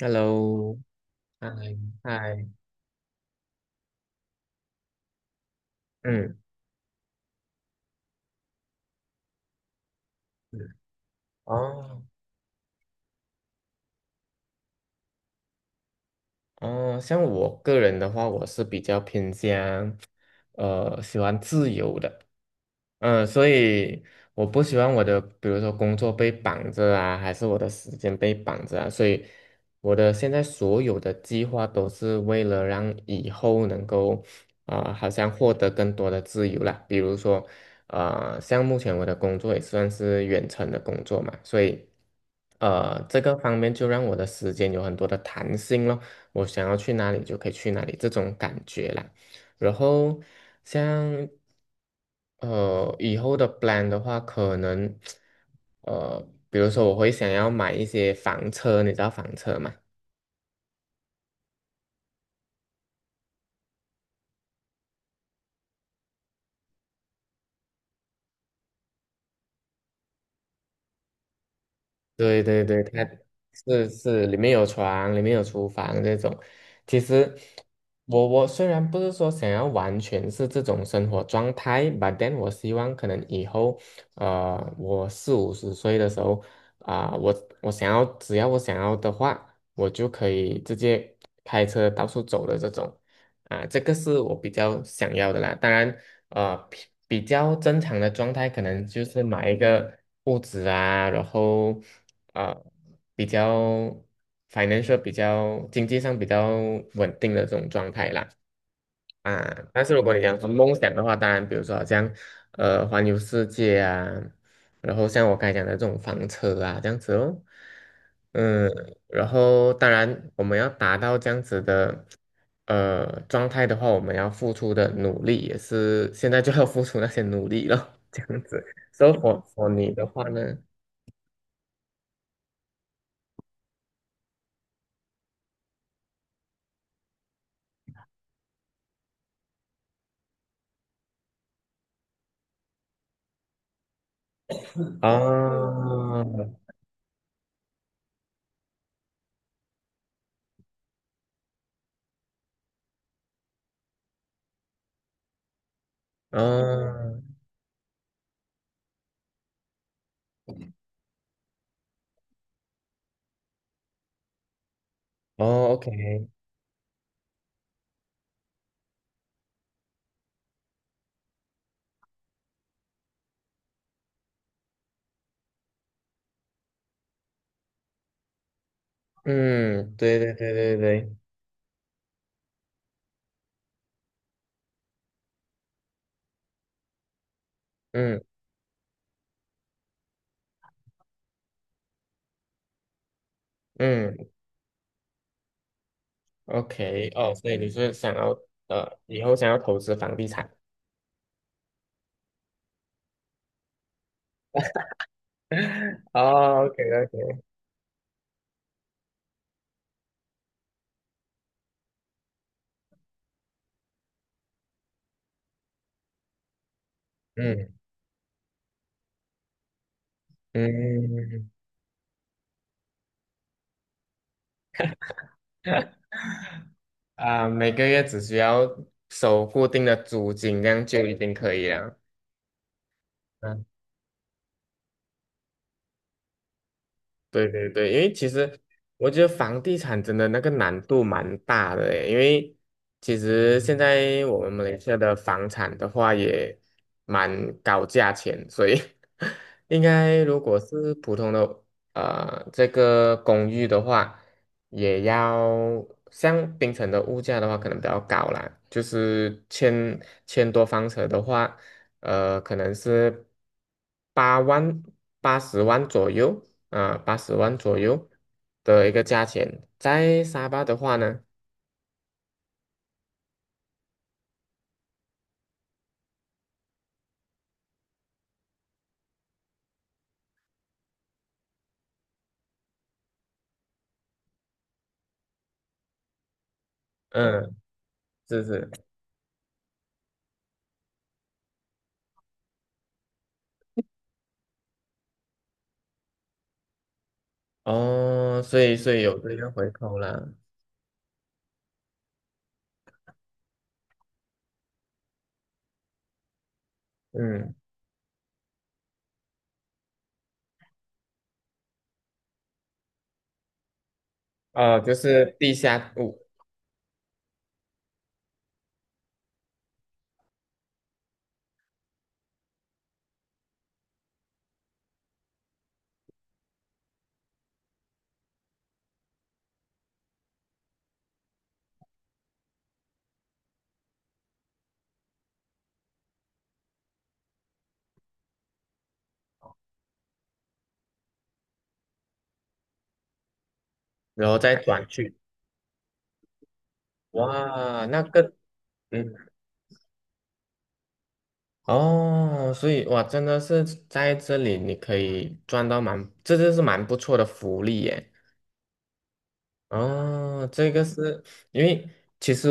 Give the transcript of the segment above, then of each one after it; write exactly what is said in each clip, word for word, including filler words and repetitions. Hello。嗨，嗨，嗯嗯，哦，哦，像我个人的话，我是比较偏向，呃，喜欢自由的。嗯、所以我不喜欢我的，比如说工作被绑着啊，还是我的时间被绑着啊，所以我的现在所有的计划都是为了让以后能够，啊、好像获得更多的自由啦。比如说，呃，像目前我的工作也算是远程的工作嘛。所以，呃，这个方面就让我的时间有很多的弹性咯。我想要去哪里就可以去哪里这种感觉啦。然后，像呃以后的 plan 的话，可能呃比如说我会想要买一些房车，你知道房车吗？对对对，它是是里面有床，里面有厨房这种。其实我我虽然不是说想要完全是这种生活状态，but then 我希望可能以后，呃，我四五十岁的时候，啊、我我想要，只要我想要的话，我就可以直接开车到处走的这种，啊、这个是我比较想要的啦。当然，呃比比较正常的状态，可能就是买一个物质啊。然后，呃比较反正 n 比较经济上比较稳定的这种状态啦。啊，但是如果你讲说梦想的话，当然，比如说好像呃环游世界啊，然后像我刚才讲的这种房车啊这样子哦。嗯。然后当然我们要达到这样子的呃状态的话，我们要付出的努力也是现在就要付出那些努力了，这样子。所以 for for 你的话呢？啊，啊，哦，OK，嗯，对对对对对，嗯嗯。OK，哦，所以你是想要，呃，以后想要投资房地产？哦，OK，OK，嗯嗯。啊、每个月只需要收固定的租金，这样就已经可以了。嗯。对对对。因为其实我觉得房地产真的那个难度蛮大的诶，因为其实现在我们马来西亚的房产的话也蛮高价钱，所以 应该如果是普通的呃这个公寓的话，也要像槟城的物价的话可能比较高啦。就是千千多方尺的话，呃可能是八万八十万左右。呃八十万左右的一个价钱。在沙巴的话呢，嗯，是是。哦，所以所以有这个回扣啦。嗯，啊，就是地下物。然后再转去，哇，那个，嗯。哦，所以哇，真的是在这里你可以赚到蛮，这就是蛮不错的福利耶。哦，这个是因为其实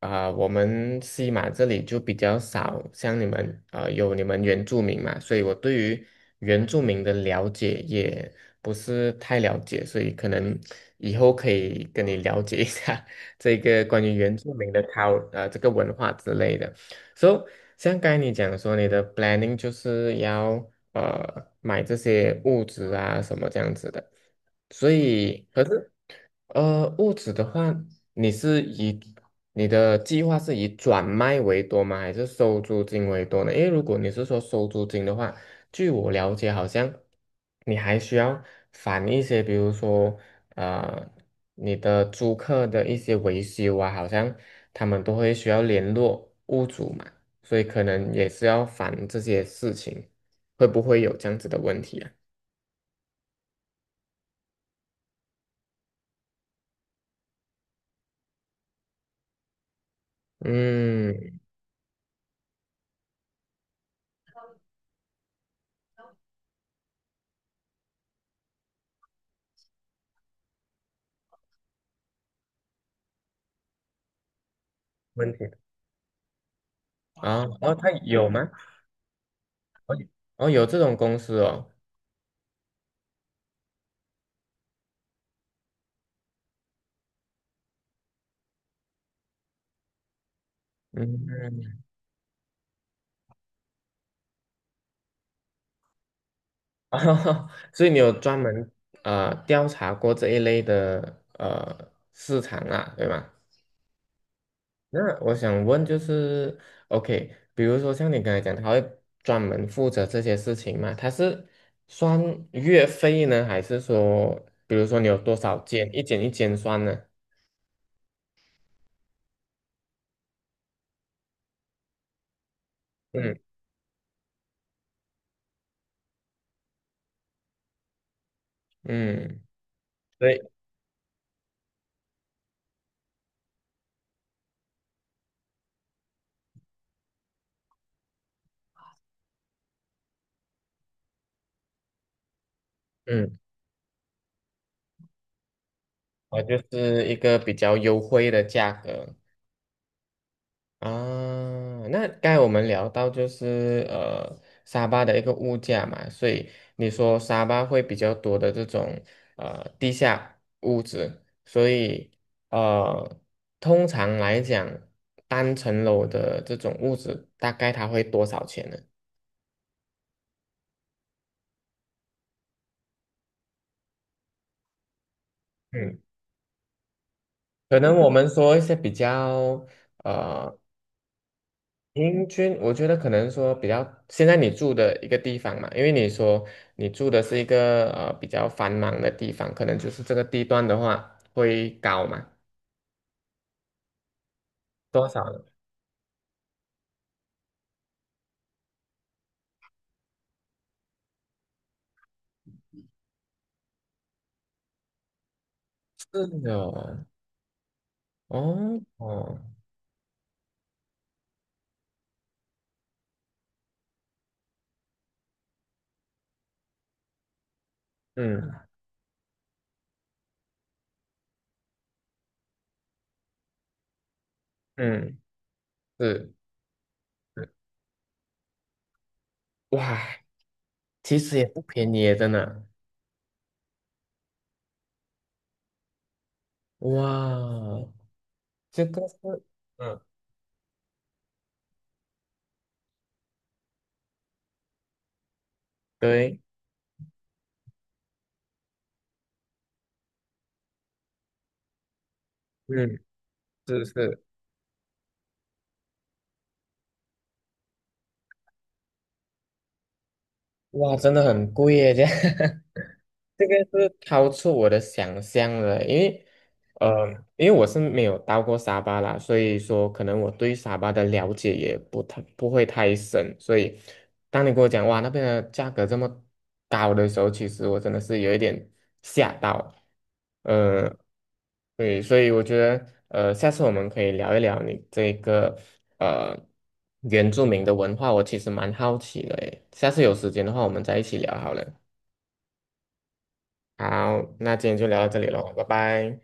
啊、我们西马这里就比较少像你们啊、有你们原住民嘛，所以我对于原住民的了解也不是太了解，所以可能以后可以跟你了解一下 这个关于原住民的 c u 呃这个文化之类的。So，像刚才你讲说你的 planning 就是要呃买这些物质啊什么这样子的。所以，可是，呃，物质的话，你是以你的计划是以转卖为多吗？还是收租金为多呢？因为如果你是说收租金的话，据我了解，好像你还需要返一些，比如说，呃，你的租客的一些维修啊，好像他们都会需要联络屋主嘛，所以可能也是要返这些事情，会不会有这样子的问题啊？嗯，问题啊。哦，他有吗？哦，有这种公司哦。嗯，哦，所以你有专门呃调查过这一类的呃市场啊，对吗？那我想问就是，OK，比如说像你刚才讲，他会专门负责这些事情吗？他是算月费呢？还是说，比如说你有多少件，一件一件算呢？嗯嗯，对。嗯，我就是一个比较优惠的价格。啊，那刚才我们聊到就是呃沙巴的一个物价嘛，所以你说沙巴会比较多的这种呃地下物子，所以呃通常来讲，单层楼的这种物子大概它会多少钱呢？嗯，可能我们说一些比较，呃平均，我觉得可能说比较，现在你住的一个地方嘛，因为你说你住的是一个呃比较繁忙的地方，可能就是这个地段的话会高嘛，多少呢？是的哦。哦哦，嗯嗯，是，是哇，其实也不便宜耶，真的。哇，这个是，嗯，对，嗯，是是，哇，真的很贵耶，这样。这个是超出我的想象了。因为，呃，因为我是没有到过沙巴啦，所以说可能我对沙巴的了解也不太不会太深，所以当你跟我讲哇那边的价格这么高的时候，其实我真的是有一点吓到。呃，对，所以我觉得，呃，下次我们可以聊一聊你这个呃原住民的文化，我其实蛮好奇的诶。下次有时间的话，我们再一起聊好了。好，那今天就聊到这里喽，拜拜。